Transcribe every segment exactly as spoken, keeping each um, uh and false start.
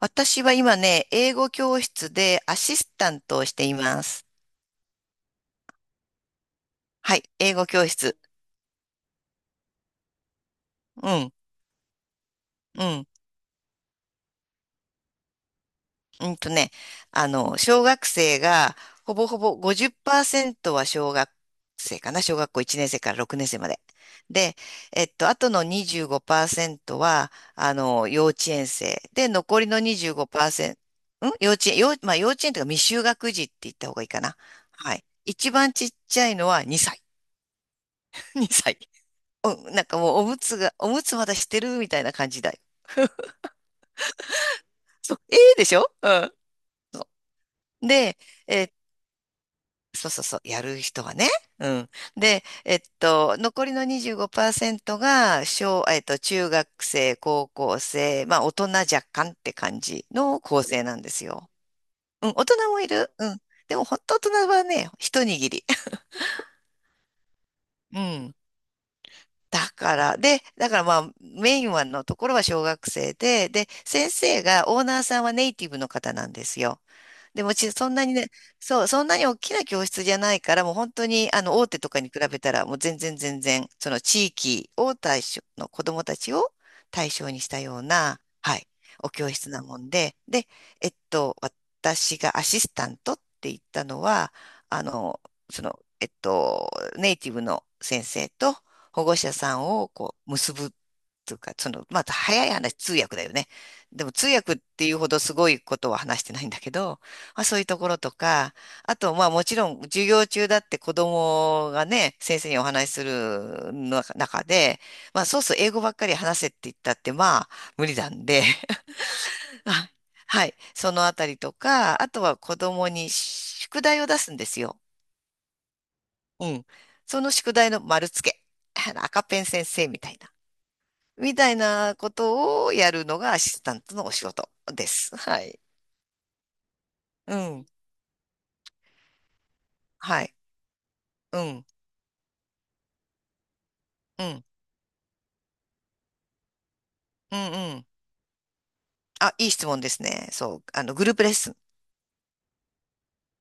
私は今ね、英語教室でアシスタントをしています。はい、英語教室。うん、うん、うんとね、あの、小学生がほぼほぼごじゅうパーセントは小学生かな、小学校いちねん生からろくねん生まで。で、えっと、あとのにじゅうごパーセントは、あの、幼稚園生。で、残りのにじゅうごパーセント、ん幼稚園、幼、まあ幼稚園というか未就学児って言った方がいいかな。はい。一番ちっちゃいのはにさい。にさい。お、なんかもうおむつが、おむつまだしてるみたいな感じだよ。そう、ええでしょうん。そうで、えーそうそうそう、やる人はね。うん。で、えっと、残りのにじゅうごパーセントが、小、えっと、中学生、高校生、まあ、大人若干って感じの構成なんですよ。うん、大人もいる。うん。でも、本当大人はね、一握り。うん。だから、で、だからまあ、メインはのところは小学生で、で、先生が、オーナーさんはネイティブの方なんですよ。でもち、そんなにね、そう、そんなに大きな教室じゃないから、もう本当に、あの、大手とかに比べたら、もう全然全然、その地域を対象の子供たちを対象にしたような、はい、お教室なもんで、で、えっと、私がアシスタントって言ったのは、あの、その、えっと、ネイティブの先生と、保護者さんをこう結ぶというか、その、まあ、早い話、通訳だよね。でも通訳っていうほどすごいことは話してないんだけど、まあ、そういうところとか、あと、まあもちろん授業中だって子供がね、先生にお話しするの中で、まあそうそう英語ばっかり話せって言ったってまあ無理なんで、あはい、そのあたりとか、あとは子供に宿題を出すんですよ。うん。その宿題の丸付け。赤ペン先生みたいな。みたいなことをやるのがアシスタントのお仕事です。はい。うん。はい。うん。うん。うん。うん。あ、いい質問ですね。そう。あの、グループレッスン。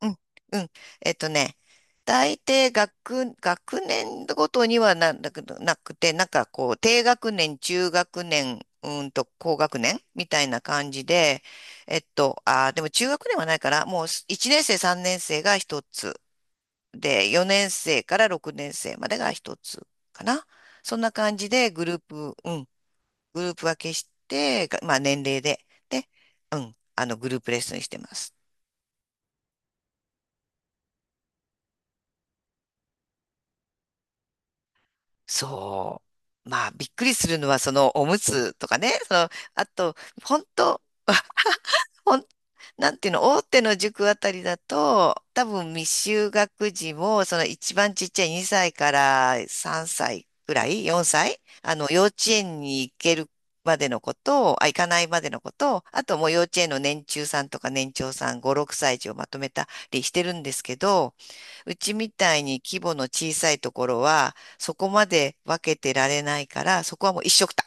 うん。うん。えっとね、大抵学、学年ごとにはな、なくなくて、なんかこう、低学年、中学年、うーんと高学年みたいな感じで、えっと、あー、でも中学年はないから、もういちねん生、さんねん生がひとつ。で、よねん生からろくねん生までが一つかな。そんな感じでグループ、うん、グループ分けして、がまあ年齢で、で、うん、あのグループレッスンしてます。そう。まあびっくりするのはそのおむつとかね、その、あと、本当ほん、なんていうの、大手の塾あたりだと、多分未就学児も、その一番ちっちゃいにさいからさんさいぐらい、よんさい、あの、幼稚園に行けるまでのことを、あ、行かないまでのことを、あともう幼稚園の年中さんとか年長さんご、ろくさい児をまとめたりしてるんですけど、うちみたいに規模の小さいところは、そこまで分けてられないから、そこはもう一緒くた。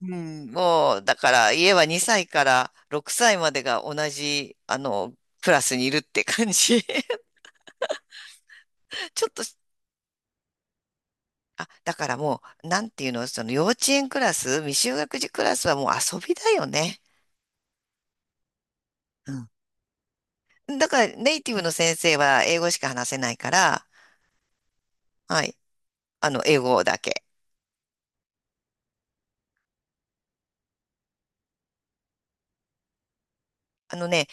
うん、もう、だから家はにさいからろくさいまでが同じ、あの、クラスにいるって感じ。ちょっと、あ、だからもう、なんていうの、その幼稚園クラス、未就学児クラスはもう遊びだよね。うん。だからネイティブの先生は英語しか話せないから、はい。あの、英語だけ。あのね、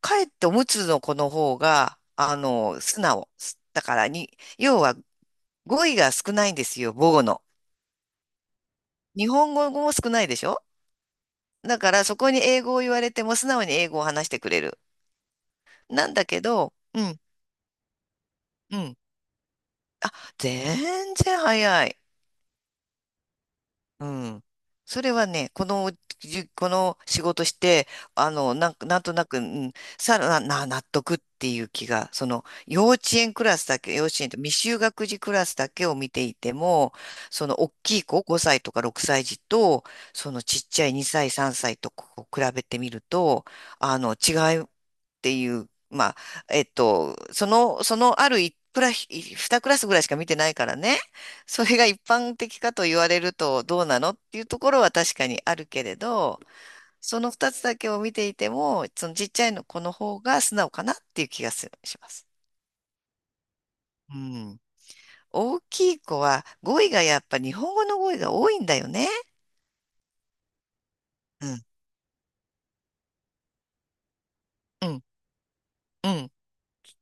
かえっておむつの子の方が、あの、素直。だからに、要は語彙が少ないんですよ、母語の。日本語も少ないでしょだからそこに英語を言われても素直に英語を話してくれる。なんだけど、うん、うん。全然早い。うん。それはね、この、じこの仕事して、あの、なんか、なんとなく、うん、さらな、納得っていう気が、その、幼稚園クラスだけ、幼稚園と未就学児クラスだけを見ていても、その、大きい子、ごさいとかろくさい児と、その、ちっちゃいにさい、さんさいとこう比べてみると、あの、違いっていう、まあ、えっと、その、その、ある一クラス、にクラスぐらいしか見てないからね、それが一般的かと言われるとどうなのっていうところは確かにあるけれど、その二つだけを見ていても、そのちっちゃいの子の方が素直かなっていう気がする、します。うん。大きい子は語彙がやっぱ日本語の語彙が多いんだよね。うん。うん。うん。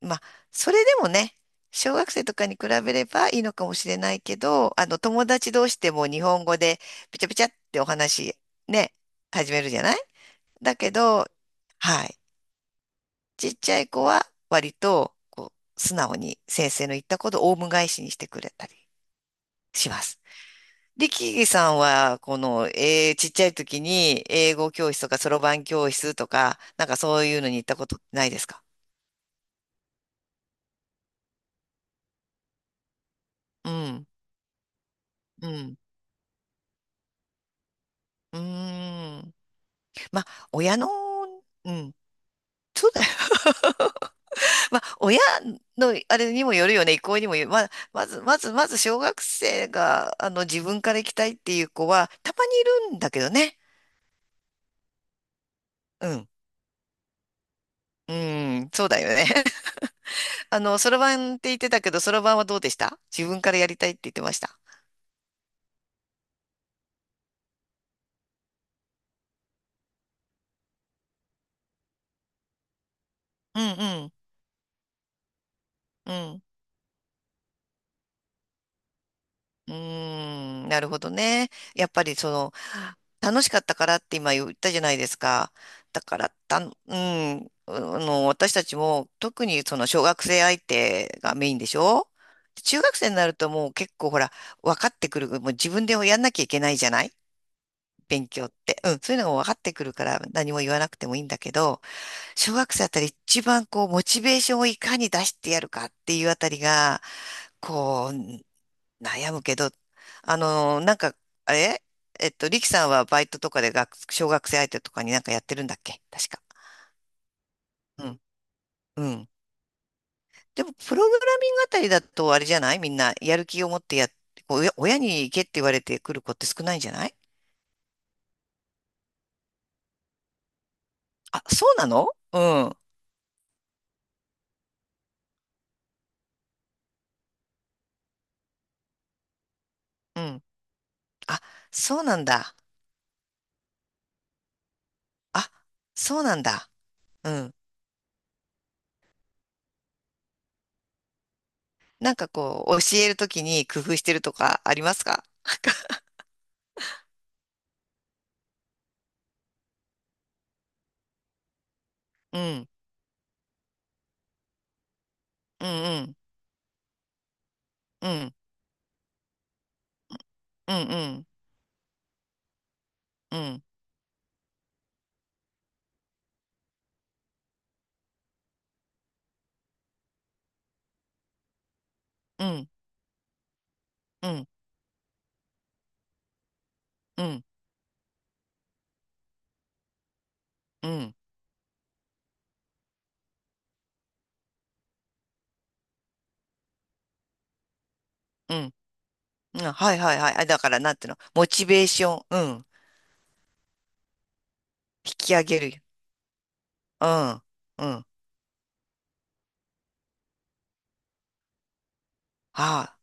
まあ、それでもね、小学生とかに比べればいいのかもしれないけど、あの、友達同士でも日本語でピチャピチャってお話、ね、始めるじゃないだけど、はい。ちっちゃい子は割とこう素直に先生の言ったことをオウム返しにしてくれたりします。で、キーさんは、この、えーちっちゃい時に英語教室とかそろばん教室とか、なんかそういうのに行ったことないですかうん、うん、うーん。まあ、親の、うん、そうだよ。まあ、親のあれにもよるよね、意向にもよる。まあ、まず、まず、まず、小学生が、あの、自分から行きたいっていう子は、たまにいるんだけどね。うん。うん、そうだよね。あの、そろばんって言ってたけど、そろばんはどうでした自分からやりたいって言ってました。うんうん、うん。うーん、なるほどね。やっぱりその、楽しかったからって今言ったじゃないですか。だから、たん、うん、あの、私たちも特にその小学生相手がメインでしょ中学生になるともう結構ほら、分かってくる。もう自分でやんなきゃいけないじゃない勉強って。うん、そういうのが分かってくるから何も言わなくてもいいんだけど、小学生あたり一番こう、モチベーションをいかに出してやるかっていうあたりが、こう、悩むけど、あの、なんか、あれえっと、リキさんはバイトとかで学、小学生相手とかになんかやってるんだっけ確か。うん。うん。でも、プログラミングあたりだとあれじゃないみんな、やる気を持ってやっ、こう親親に行けって言われてくる子って少ないんじゃないあ、そうなのうん。うん。あ、そうなんだ。あ、そうなんだ。うん。なんかこう、教えるときに工夫してるとかありますか うん、うん、うん、うん、うん、うん、うん、うん、うん、うん、うん、うんはいはいはい。あ、だからなんていうの、モチベーション、うん、引き上げる。うん、うん。はあ、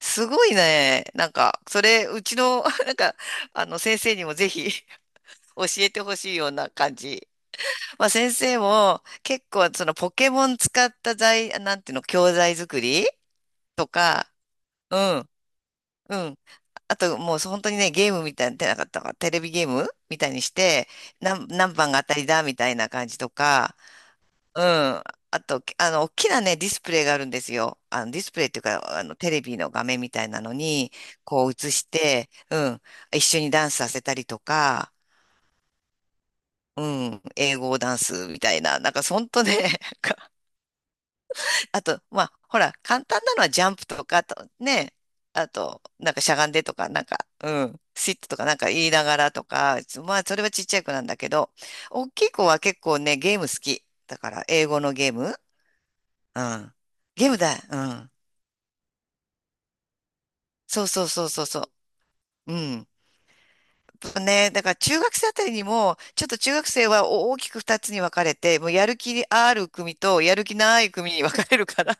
すごいね。なんか、それ、うちの、なんか、あの、先生にもぜひ 教えてほしいような感じ。まあ、先生も結構、そのポケモン使った材、なんていうの、教材作りとか、うん。うん。あと、もう本当にね、ゲームみたいな、出なかったから、テレビゲームみたいにして、何、何番が当たりだみたいな感じとか、うん。あと、あの、大きなね、ディスプレイがあるんですよ。あの、ディスプレイっていうか、あの、テレビの画面みたいなのに、こう映して、うん。一緒にダンスさせたりとか、うん。英語ダンスみたいな、なんか、ほんとね、あと、まあ、ほら、簡単なのはジャンプとか、あとね、あと、なんかしゃがんでとか、なんか、うん、シットとかなんか言いながらとか、まあ、それはちっちゃい子なんだけど、大きい子は結構ね、ゲーム好き。だから、英語のゲームうん。ゲームだ。うん。そうそうそうそうそう。うん。やっぱね、だから中学生あたりにも、ちょっと中学生は大きく二つに分かれて、もうやる気ある組とやる気ない組に分かれるから、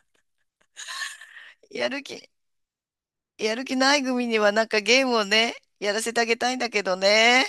やる気、やる気ない組にはなんかゲームをね、やらせてあげたいんだけどね。